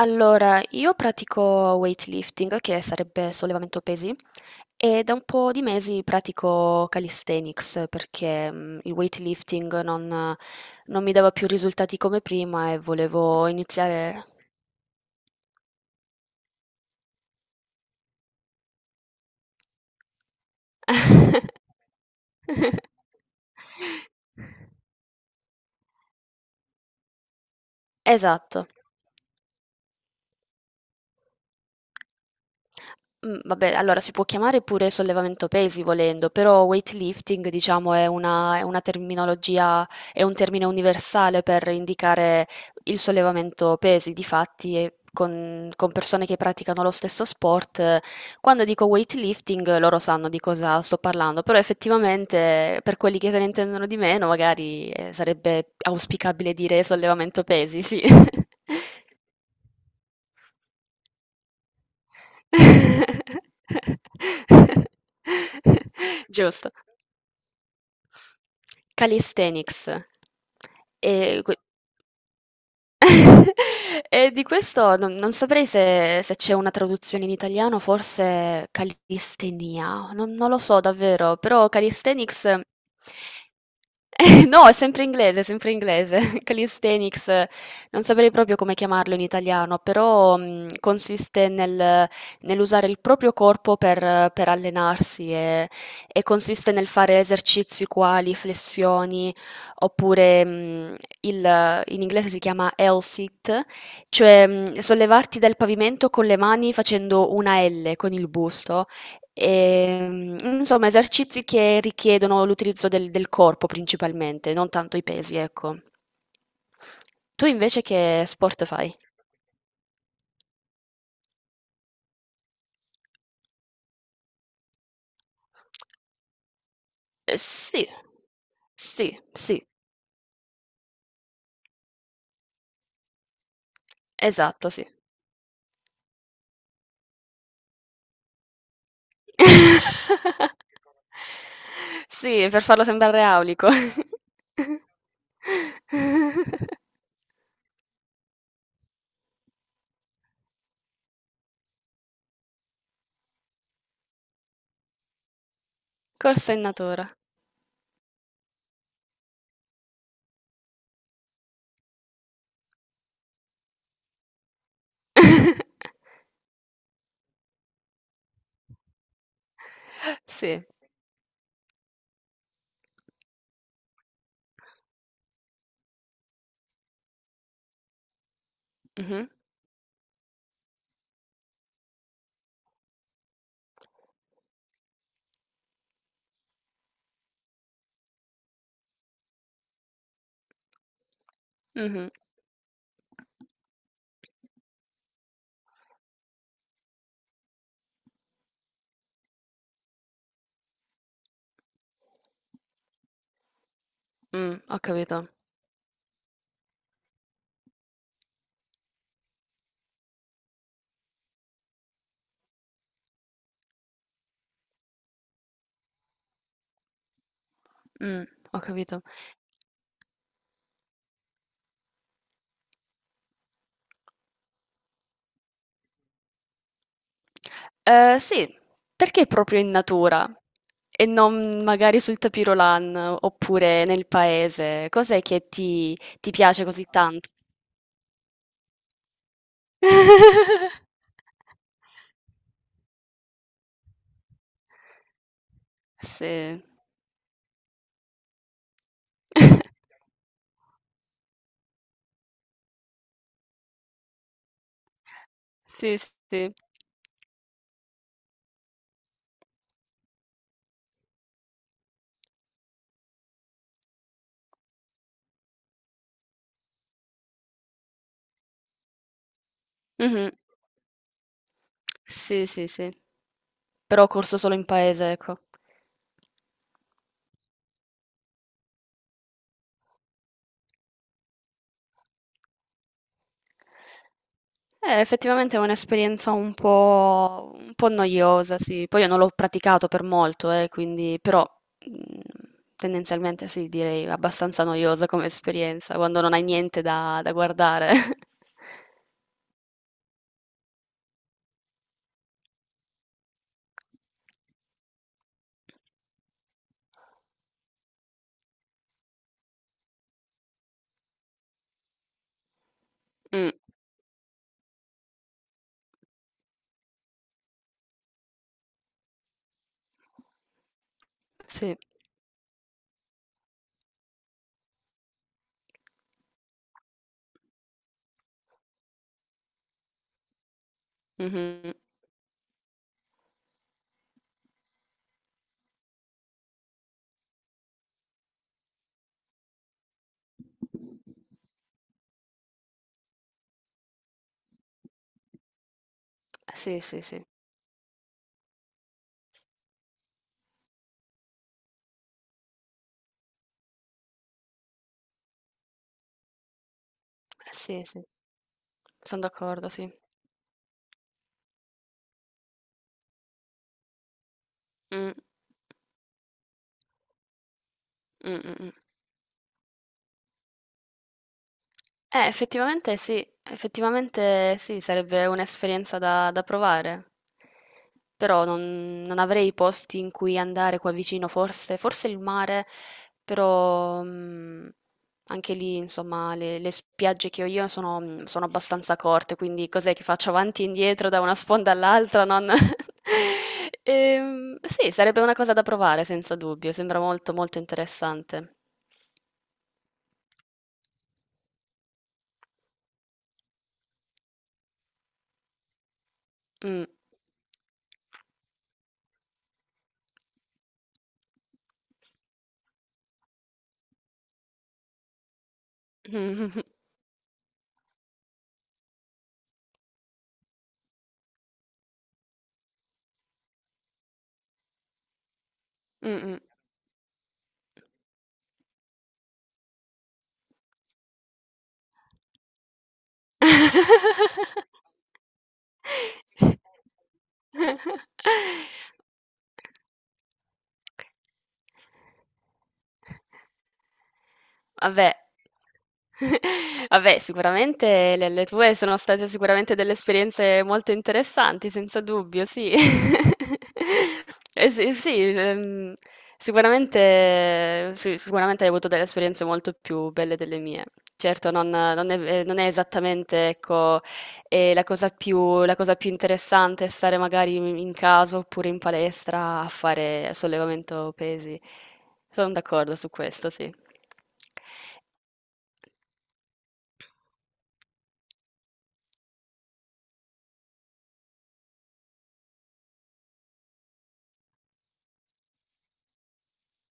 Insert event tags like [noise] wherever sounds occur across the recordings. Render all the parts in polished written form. Allora, io pratico weightlifting, che sarebbe sollevamento pesi, e da un po' di mesi pratico calisthenics perché il weightlifting non mi dava più risultati come prima e volevo iniziare. [laughs] Esatto. Mhmm, vabbè, allora si può chiamare pure sollevamento pesi volendo, però weightlifting diciamo è una terminologia è un termine universale per indicare il sollevamento pesi. Difatti, con persone che praticano lo stesso sport, quando dico weightlifting, loro sanno di cosa sto parlando, però effettivamente, per quelli che se ne intendono di meno magari, sarebbe auspicabile dire sollevamento pesi, sì. [laughs] [laughs] Giusto. Calisthenics. E que [laughs] E di questo non saprei se c'è una traduzione in italiano, forse calistenia, non lo so davvero, però calisthenics [laughs] No, è sempre inglese, sempre inglese. [laughs] Calisthenics, non saprei proprio come chiamarlo in italiano, però consiste nell'usare il proprio corpo per allenarsi e consiste nel fare esercizi quali flessioni, oppure in inglese si chiama L sit, cioè sollevarti dal pavimento con le mani facendo una L con il busto. E, insomma, esercizi che richiedono l'utilizzo del corpo principalmente, non tanto i pesi, ecco. Tu invece che sport fai? Sì, sì, sì, esatto, sì. [laughs] Sì, per farlo sembrare aulico. [laughs] Corsa in natura. [laughs] Sì. Mh-mh. Mh-mh. Ho capito. Mh, ho capito. Sì, perché proprio in natura e non magari sul tapirolan oppure nel paese? Cos'è che ti piace così tanto? [laughs] Sì. [laughs] Sì, sì. Mh-mh. Sì, sì, sì. Però ho corso solo in paese, ecco. Effettivamente è un'esperienza un po' noiosa, sì. Poi io non l'ho praticato per molto, quindi però, mhmm, tendenzialmente sì, direi abbastanza noiosa come esperienza, quando non hai niente da guardare. [laughs] Mh, sì. Mh-mh. Sì, sì, sì. Sì, sì. Son d'accordo, sì. Mh. Mh, mh, mh. Effettivamente sì, sarebbe un'esperienza da provare. Però non avrei posti in cui andare qua vicino, forse, forse il mare, però anche lì, insomma, le spiagge che ho io sono, sono abbastanza corte, quindi cos'è che faccio avanti e indietro da una sponda all'altra? Non... [laughs] Sì, sarebbe una cosa da provare, senza dubbio, sembra molto molto interessante. Mm. [laughs] Mh-mh. [laughs] [laughs] Vabbè. [laughs] Vabbè, sicuramente le tue sono state sicuramente delle esperienze molto interessanti, senza dubbio, sì. [laughs] Sì, sì, sicuramente, sì, sicuramente hai avuto delle esperienze molto più belle delle mie. Certo, non è esattamente, ecco, e la cosa più interessante è stare magari in casa oppure in palestra a fare sollevamento pesi. Sono d'accordo su questo, sì.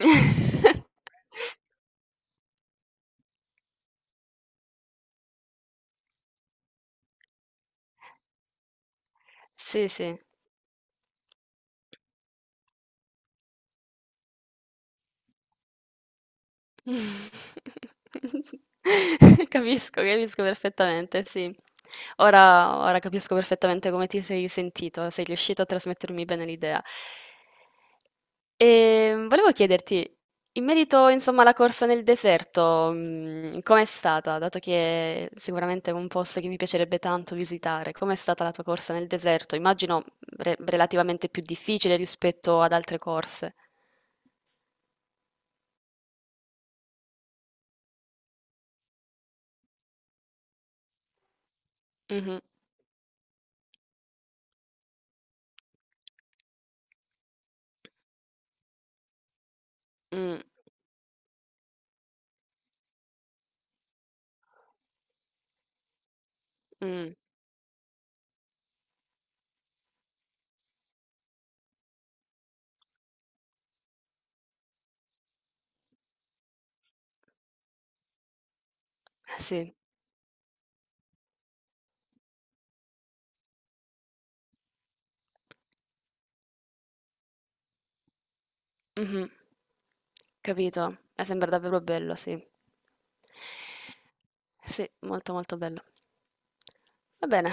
[laughs] Sì, sì. [laughs] Capisco, capisco perfettamente, sì. Ora, ora capisco perfettamente come ti sei sentito, sei riuscito a trasmettermi bene l'idea. E volevo chiederti, in merito, insomma, alla corsa nel deserto, com'è stata? Dato che sicuramente è un posto che mi piacerebbe tanto visitare, com'è stata la tua corsa nel deserto? Immagino relativamente più difficile rispetto ad altre corse. Mhm, mm, mm, sì, mhm, capito. Sembra davvero bello, sì. Sì, molto molto bello. Va bene,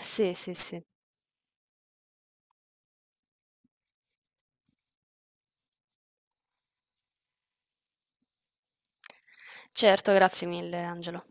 sì, sì, sì. Certo, grazie mille Angelo.